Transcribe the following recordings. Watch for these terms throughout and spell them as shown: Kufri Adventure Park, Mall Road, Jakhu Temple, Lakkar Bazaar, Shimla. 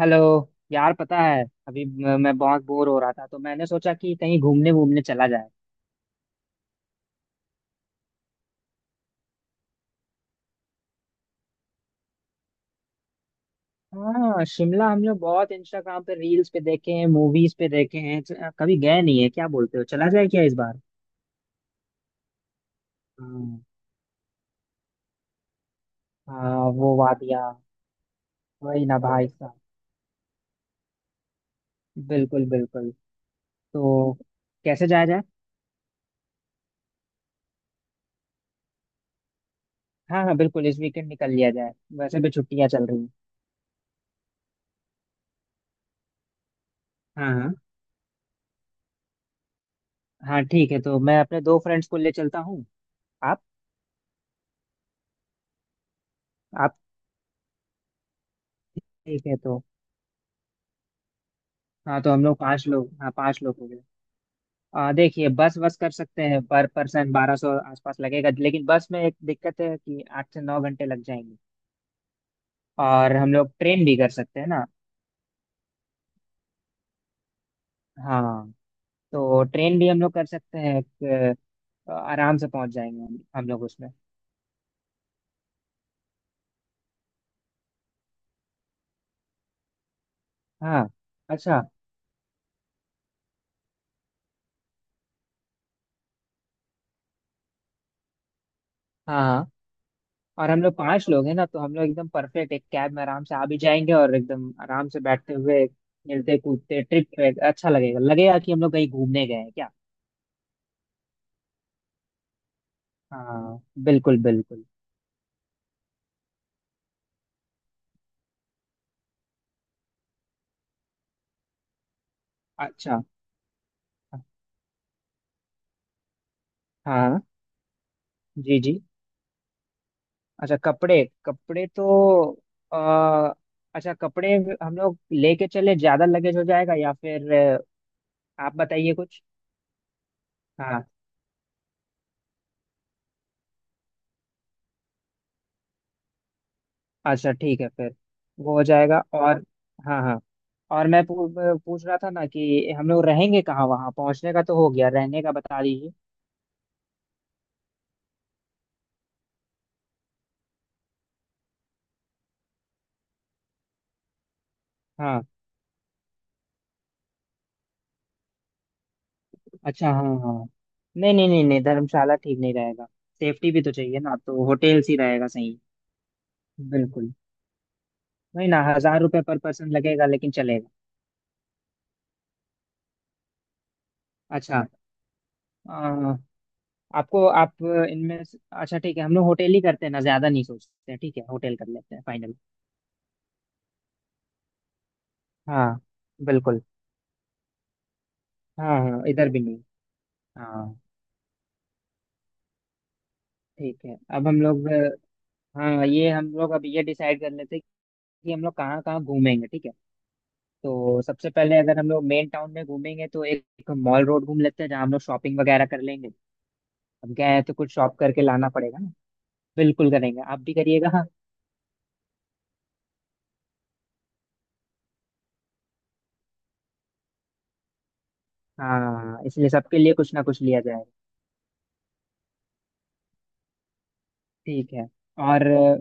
Hello. यार पता है अभी मैं बहुत बोर हो रहा था, तो मैंने सोचा कि कहीं घूमने वूमने चला जाए। हाँ, शिमला हम लोग बहुत इंस्टाग्राम पे, रील्स पे देखे हैं, मूवीज पे देखे हैं, कभी गए नहीं है। क्या बोलते हो, चला जाए क्या इस बार? हाँ हाँ, वो वादिया। वही ना भाई साहब। बिल्कुल बिल्कुल। तो कैसे जाया जाए? हाँ हाँ बिल्कुल, इस वीकेंड निकल लिया जाए। वैसे भी छुट्टियां चल रही हैं। हाँ हाँ। हाँ ठीक है, तो मैं अपने दो फ्रेंड्स को ले चलता हूँ। आप? आप। ठीक है तो। हाँ, तो हम लोग पांच लोग, हाँ पांच लोग हो गए। आ देखिए, बस बस कर सकते हैं, पर पर्सन 1200 आसपास लगेगा, लेकिन बस में एक दिक्कत है कि 8 से 9 घंटे लग जाएंगे। और हम लोग ट्रेन भी कर सकते हैं ना? हाँ तो ट्रेन भी हम लोग कर सकते हैं, आराम से पहुंच जाएंगे हम लोग उसमें। हाँ। अच्छा। हाँ हाँ। और हम लोग पांच लोग हैं ना, तो हम लोग एकदम परफेक्ट एक कैब में आराम से आ भी जाएंगे, और एकदम आराम से बैठते हुए खेलते कूदते ट्रिप पे अच्छा लगेगा। लगेगा कि हम लोग कहीं घूमने गए हैं क्या। हाँ बिल्कुल बिल्कुल। अच्छा। हाँ। जी जी। अच्छा, कपड़े कपड़े तो आ, अच्छा, कपड़े हम लोग लेके चले ज्यादा लगेज हो जाएगा, या फिर आप बताइए कुछ। हाँ। अच्छा ठीक है फिर। वो हो जाएगा, और हाँ हाँ, और पूछ रहा था ना कि हम लोग रहेंगे कहाँ? वहाँ पहुँचने का तो हो गया, रहने का बता दीजिए। हाँ। अच्छा हाँ हाँ। नहीं नहीं नहीं नहीं, धर्मशाला ठीक नहीं रहेगा। सेफ्टी भी तो चाहिए ना, तो होटेल्स ही रहेगा सही। बिल्कुल। नहीं ना, 1000 रुपये पर पर्सन लगेगा, लेकिन चलेगा। अच्छा। अ, आपको, आप अच्छा, ठीक है, हम लोग होटल ही करते हैं ना, ज्यादा नहीं सोचते हैं, ठीक है, होटल कर लेते हैं फाइनल। हाँ बिल्कुल। हाँ हाँ, इधर भी नहीं। हाँ। ठीक है, अब हम लोग, हाँ ये हम लोग अब ये डिसाइड कर लेते हैं कि हम लोग कहाँ कहाँ घूमेंगे, ठीक है। तो सबसे पहले अगर हम लोग मेन टाउन में घूमेंगे, तो एक मॉल रोड घूम लेते हैं, जहाँ हम लोग शॉपिंग वगैरह कर लेंगे। अब गए हैं तो कुछ शॉप करके लाना पड़ेगा ना। बिल्कुल करेंगे, आप भी करिएगा। हाँ, इसलिए सबके लिए कुछ ना कुछ लिया जाए। ठीक है। और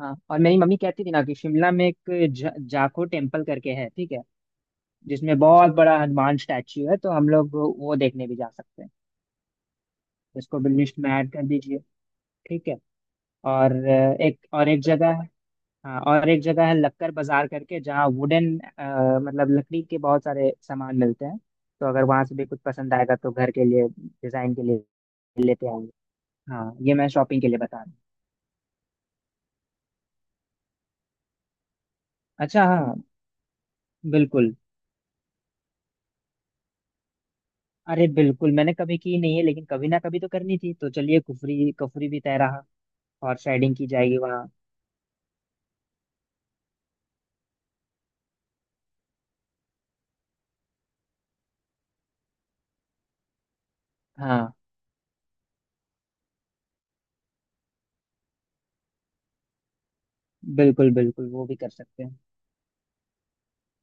हाँ, और मेरी मम्मी कहती थी ना कि शिमला में एक जाखो टेम्पल करके है, ठीक है, जिसमें बहुत बड़ा हनुमान स्टैचू है, तो हम लोग वो देखने भी जा सकते हैं। इसको भी लिस्ट में ऐड कर दीजिए, ठीक है। और एक और, एक जगह है, हाँ और एक जगह है लक्कर बाजार करके, जहाँ वुडन, मतलब लकड़ी के बहुत सारे सामान मिलते हैं, तो अगर वहां से भी कुछ पसंद आएगा, तो घर के लिए, डिजाइन के लिए लेते आएंगे। हाँ, ये मैं शॉपिंग के लिए बता रहा हूँ। अच्छा हाँ, बिल्कुल, अरे बिल्कुल, मैंने कभी की नहीं है, लेकिन कभी ना कभी तो करनी थी, तो चलिए, कुफरी कुफरी भी तय रहा। और साइडिंग की जाएगी वहाँ। हाँ बिल्कुल बिल्कुल, वो भी कर सकते हैं।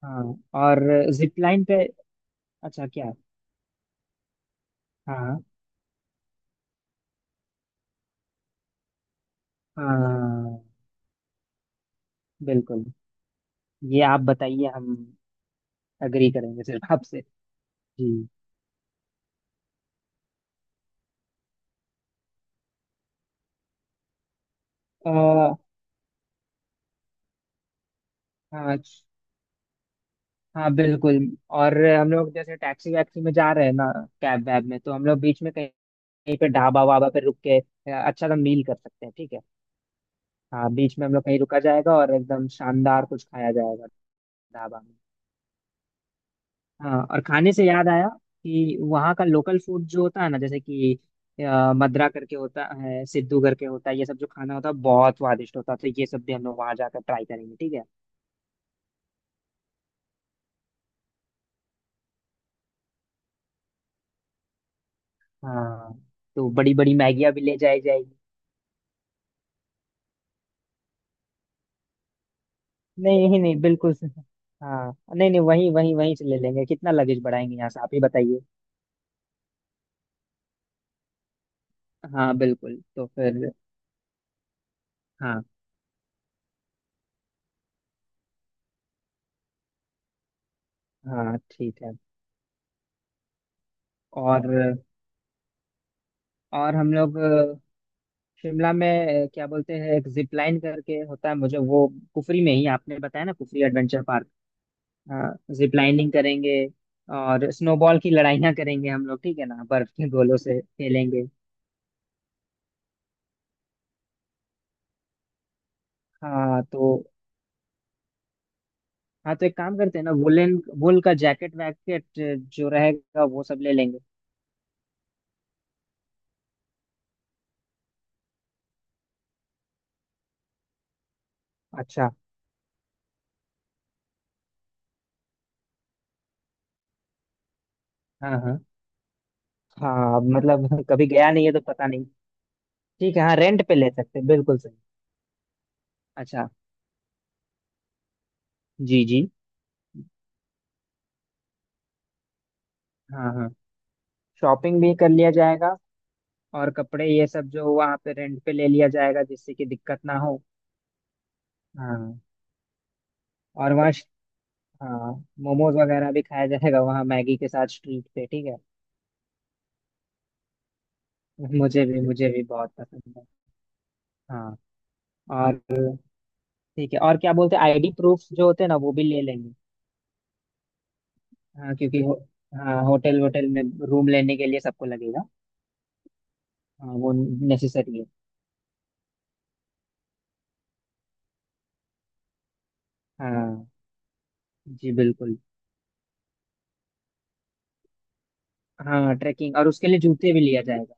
हाँ, और जिप लाइन पे। अच्छा, क्या? हाँ हाँ बिल्कुल। ये आप बताइए, हम अग्री करेंगे सिर्फ आपसे। जी। आ, हाँ हाँ बिल्कुल। और हम लोग जैसे टैक्सी वैक्सी में जा रहे हैं ना, कैब वैब में, तो हम लोग बीच में कहीं, कहीं पे ढाबा वाबा पे रुक के अच्छा सा मील कर सकते हैं, ठीक है। हाँ, बीच में हम लोग कहीं रुका जाएगा, और एकदम शानदार कुछ खाया जाएगा। ढाबा में। हाँ, और खाने से याद आया कि वहाँ का लोकल फूड जो होता है ना, जैसे कि मद्रा करके होता है, सिद्धू करके होता है, ये सब जो खाना होता है बहुत स्वादिष्ट होता है, तो ये सब भी हम लोग वहाँ जाकर ट्राई करेंगे, ठीक है। हाँ, तो बड़ी बड़ी मैगिया भी ले जाई जाएगी। नहीं नहीं नहीं, बिल्कुल हाँ नहीं नहीं, वहीं वहीं वहीं से ले लेंगे, कितना लगेज बढ़ाएंगे यहाँ से, आप ही बताइए। हाँ बिल्कुल तो फिर। हाँ हाँ ठीक है। और और हम लोग शिमला में क्या बोलते हैं एक जिप लाइन करके होता है मुझे, वो कुफरी में ही आपने बताया ना, कुफरी एडवेंचर पार्क। हाँ, जिप लाइनिंग करेंगे, और स्नोबॉल की लड़ाइयाँ करेंगे हम लोग, ठीक है ना, बर्फ के गोलों से खेलेंगे। हाँ तो। हाँ तो एक काम करते हैं ना, वुलन, वुल का जैकेट वैकेट जो रहेगा वो सब ले लेंगे। अच्छा। हाँ हाँ। हाँ मतलब कभी गया नहीं है तो पता नहीं। ठीक है, हाँ रेंट पे ले सकते हैं, बिल्कुल सही। अच्छा। जी जी। हाँ हाँ। शॉपिंग भी कर लिया जाएगा, और कपड़े ये सब जो वहाँ पे रेंट पे ले लिया जाएगा, जिससे कि दिक्कत ना हो। हाँ, और वहाँ। हाँ, मोमोज वगैरह भी खाया जाएगा वहाँ, मैगी के साथ, स्ट्रीट पे, ठीक है। मुझे भी, मुझे भी बहुत पसंद है। हाँ और। ठीक है, और क्या बोलते हैं आईडी प्रूफ जो होते हैं ना, वो भी ले लेंगे। हाँ, क्योंकि हाँ होटल वोटल में रूम लेने के लिए सबको लगेगा। हाँ, वो नेसेसरी है। हाँ जी बिल्कुल। हाँ, ट्रैकिंग, और उसके लिए जूते भी लिया जाएगा।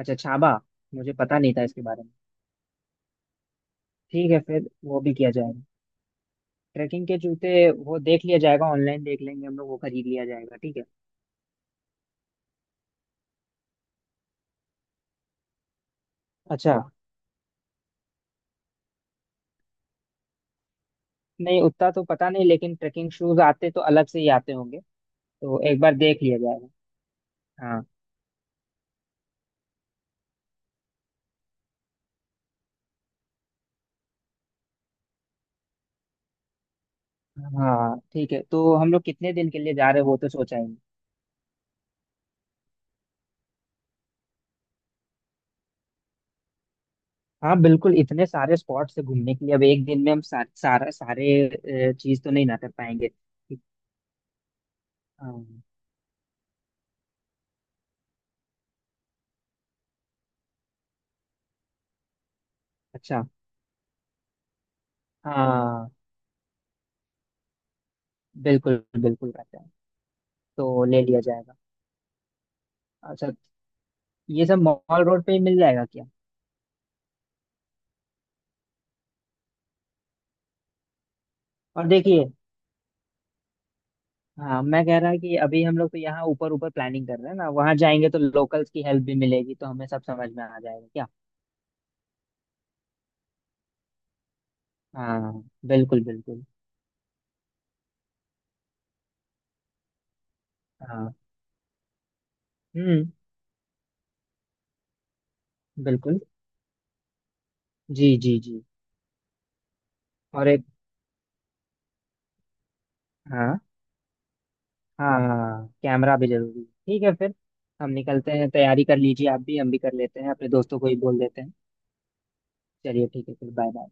अच्छा छाबा, मुझे पता नहीं था इसके बारे में। ठीक है फिर वो भी किया जाएगा। ट्रैकिंग के जूते, वो देख लिया जाएगा, ऑनलाइन देख लेंगे हम लोग, वो खरीद लिया जाएगा, ठीक है। अच्छा, नहीं उतना तो पता नहीं, लेकिन ट्रैकिंग शूज आते तो अलग से ही आते होंगे। तो एक बार देख लिया जाएगा। हाँ हाँ ठीक है, तो हम लोग कितने दिन के लिए जा रहे हैं, वो तो सोचा ही नहीं। हाँ बिल्कुल, इतने सारे स्पॉट्स है घूमने के लिए, अब एक दिन में हम सारे चीज तो नहीं ना कर पाएंगे, ठीक। हाँ, अच्छा। हाँ बिल्कुल बिल्कुल रहता है। तो ले लिया जाएगा। अच्छा, ये सब मॉल रोड पे ही मिल जाएगा क्या? और देखिए, हाँ मैं कह रहा कि अभी हम लोग तो यहाँ ऊपर ऊपर प्लानिंग कर रहे हैं ना, वहाँ जाएंगे तो लोकल्स की हेल्प भी मिलेगी, तो हमें सब समझ में आ जाएगा क्या। हाँ बिल्कुल बिल्कुल। हाँ। हम्म। बिल्कुल। जी जी जी, और एक। हाँ हाँ, कैमरा भी जरूरी है, ठीक है फिर। हम निकलते हैं, तैयारी कर लीजिए आप भी, हम भी कर लेते हैं, अपने दोस्तों को ही बोल देते हैं। चलिए ठीक है फिर, बाय बाय।